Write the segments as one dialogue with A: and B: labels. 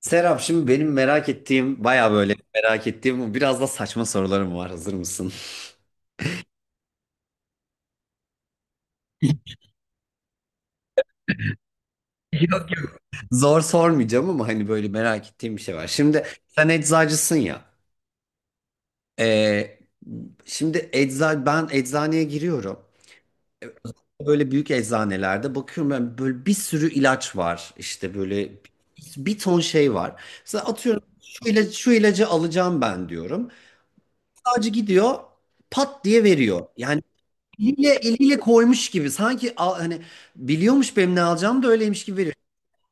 A: Serap şimdi benim merak ettiğim baya böyle merak ettiğim biraz da saçma sorularım var, hazır mısın? Zor sormayacağım ama hani böyle merak ettiğim bir şey var. Şimdi sen eczacısın ya. Ee, şimdi ben eczaneye giriyorum. Ee, Böyle büyük eczanelerde bakıyorum, ben böyle bir sürü ilaç var. İşte böyle bir ton şey var. Mesela atıyorum, şu ilacı, şu ilacı alacağım ben diyorum. Sadece gidiyor pat diye veriyor. Yani eliyle, eliyle koymuş gibi. Sanki hani biliyormuş benim ne alacağımı da öyleymiş gibi veriyor.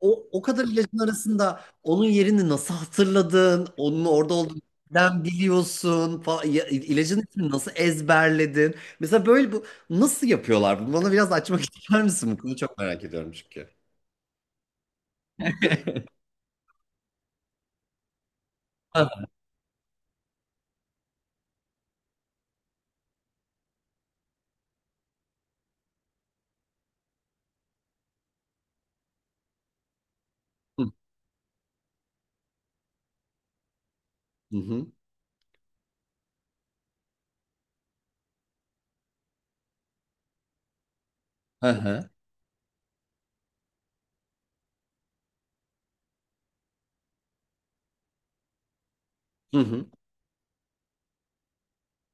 A: O kadar ilacın arasında onun yerini nasıl hatırladın? Onun orada olduğunu nereden biliyorsun falan. Ya, ilacın ismini nasıl ezberledin? Mesela böyle bu nasıl yapıyorlar? Bunu bana biraz açmak ister misin? Bu konuyu çok merak ediyorum çünkü. Hı hı. Hı hı. Hı hı.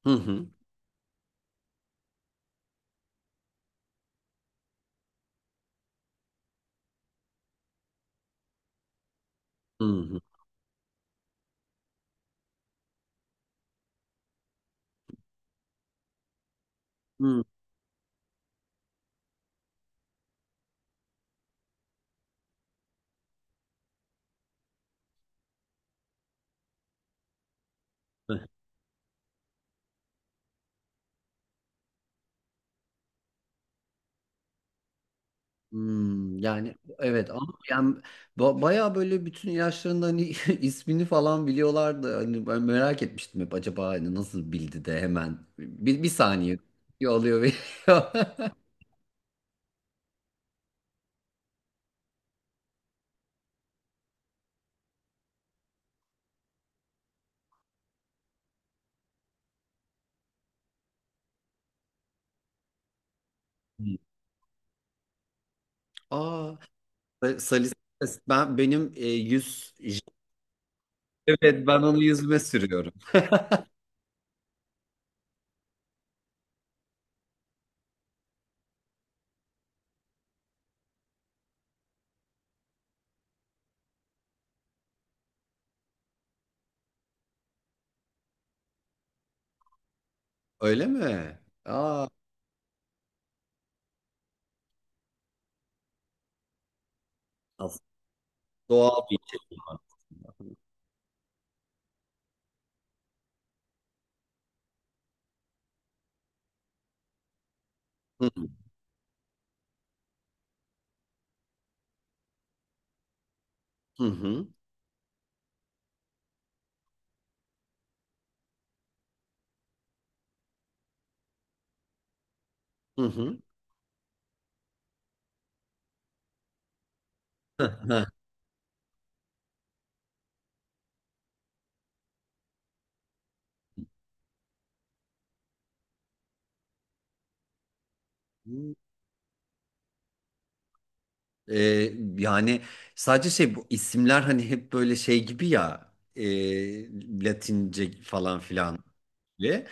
A: Hı hı. Hı hı. Hı hı. Hmm, yani evet ama yani bayağı böyle bütün ilaçların da hani ismini falan biliyorlardı. Hani ben merak etmiştim hep acaba hani nasıl bildi de hemen bir saniye diyor, alıyor veriyor. Hmm. Aa, salisi ben benim yüz evet, ben onu yüzüme sürüyorum. Öyle mi? Aa, aslında doğal bir. Hı hı hı hı. Hı. Hı. Yani sadece şey bu isimler hani hep böyle şey gibi ya Latince falan filan ve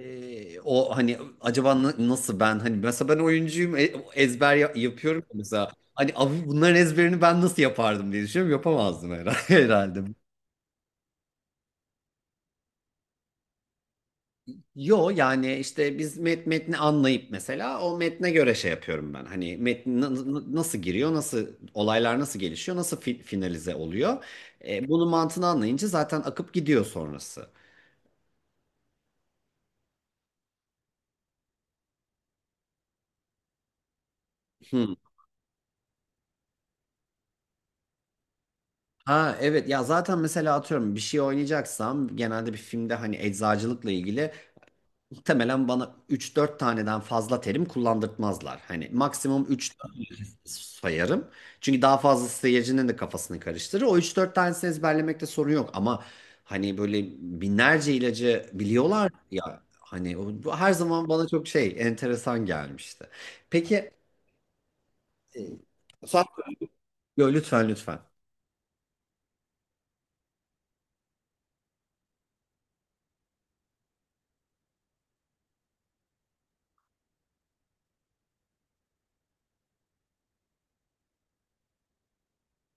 A: o hani acaba nasıl ben hani mesela ben oyuncuyum ezber yapıyorum ya, mesela hani abi bunların ezberini ben nasıl yapardım diye düşünüyorum, yapamazdım herhalde, herhalde. Yo yani işte biz metni anlayıp mesela o metne göre şey yapıyorum ben. Hani metni nasıl giriyor, nasıl olaylar nasıl gelişiyor, nasıl finalize oluyor. Bunun mantığını anlayınca zaten akıp gidiyor sonrası. Hı. Ha, evet, ya zaten mesela atıyorum bir şey oynayacaksam genelde bir filmde hani eczacılıkla ilgili muhtemelen bana üç dört taneden fazla terim kullandırtmazlar. Hani maksimum üç sayarım. Çünkü daha fazlası seyircinin de kafasını karıştırır. O üç dört tanesini ezberlemekte sorun yok ama hani böyle binlerce ilacı biliyorlar ya, hani o, bu her zaman bana çok şey enteresan gelmişti. Peki, e, Suat, yo, lütfen lütfen.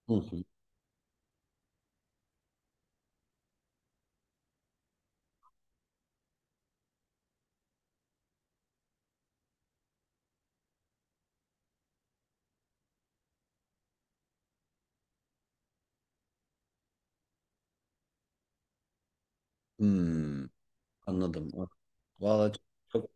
A: Hı hı. Hmm, anladım. Vallahi çok...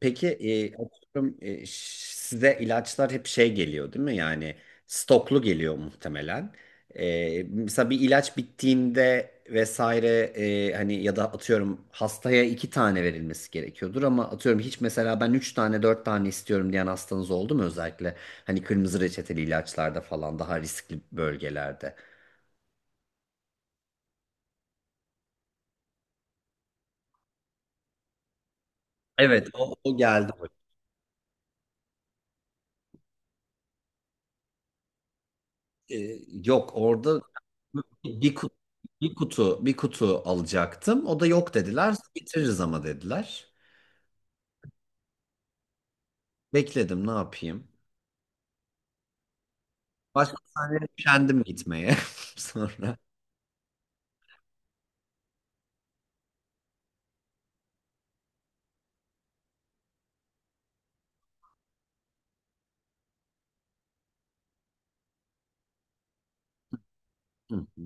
A: Peki, atıyorum, size ilaçlar hep şey geliyor değil mi? Yani stoklu geliyor muhtemelen. Mesela bir ilaç bittiğinde vesaire hani ya da atıyorum hastaya iki tane verilmesi gerekiyordur ama atıyorum hiç mesela ben üç tane dört tane istiyorum diyen hastanız oldu mu, özellikle hani kırmızı reçeteli ilaçlarda falan daha riskli bölgelerde. Evet, o geldi. Ee, yok orada bir kutu, bir kutu alacaktım. O da yok dediler. Getiririz ama dediler. Bekledim, ne yapayım. Başka sahneye kendim gitmeye sonra. Hı hı.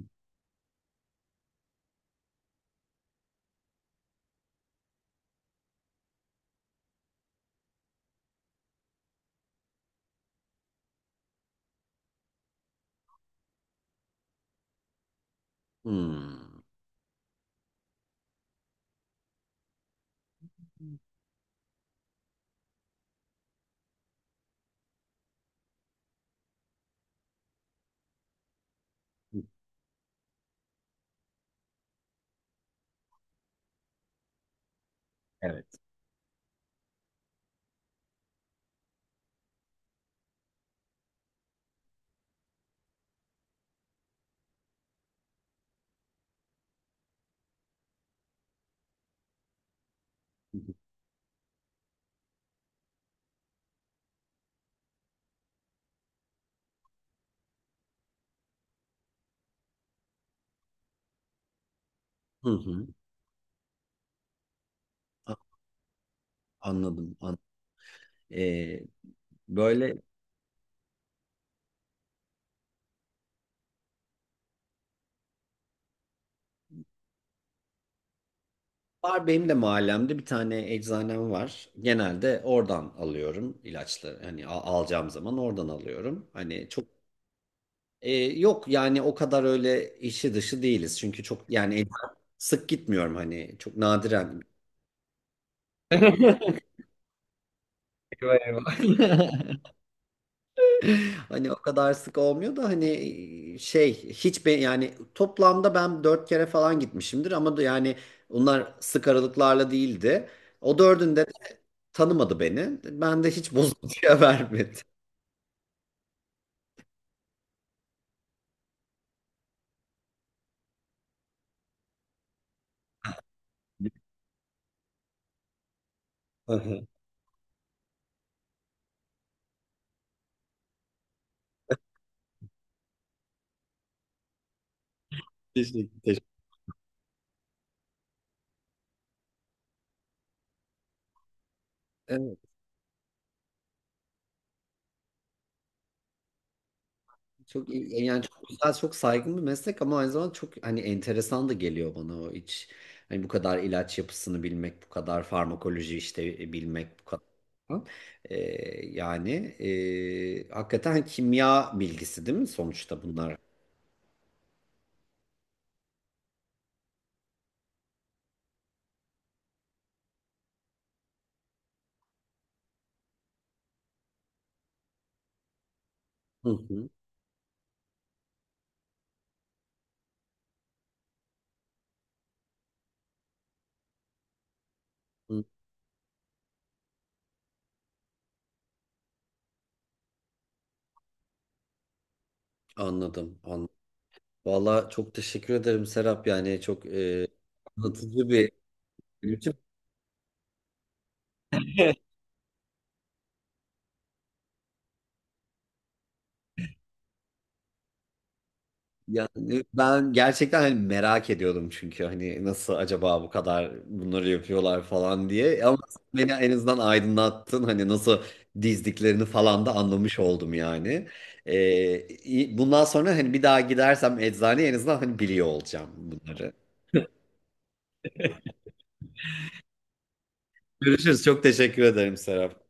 A: Hmm. Evet. Hı hı. A- Anladım. Ee, böyle var benim de mahallemde bir tane eczanem var. Genelde oradan alıyorum ilaçları. Hani alacağım zaman oradan alıyorum. Hani çok... Ee, yok yani o kadar öyle işi dışı değiliz. Çünkü çok yani sık gitmiyorum hani çok nadiren. Eyvah eyvah. Hani o kadar sık olmuyor da hani şey hiç be, yani toplamda ben dört kere falan gitmişimdir ama da yani bunlar sık aralıklarla değildi. O dördünde de tanımadı beni. Ben de hiç bozuntuya vermedi. Teşekkür, teşekkür. Çok yani çok güzel, çok saygın bir meslek ama aynı zamanda çok hani enteresan da geliyor bana o iç. Hani bu kadar ilaç yapısını bilmek, bu kadar farmakoloji işte bilmek, bu kadar. Yani hakikaten hani, kimya bilgisi değil mi sonuçta bunlar? Hı hı, hı. Anladım, anladım. Valla çok teşekkür ederim Serap yani çok anlatıcı bir bütün. Yani ben gerçekten hani merak ediyordum çünkü hani nasıl acaba bu kadar bunları yapıyorlar falan diye ama beni en azından aydınlattın hani nasıl dizdiklerini falan da anlamış oldum yani. Bundan sonra hani bir daha gidersem eczaneye en azından hani biliyor olacağım bunları. Görüşürüz. Çok teşekkür ederim Serap.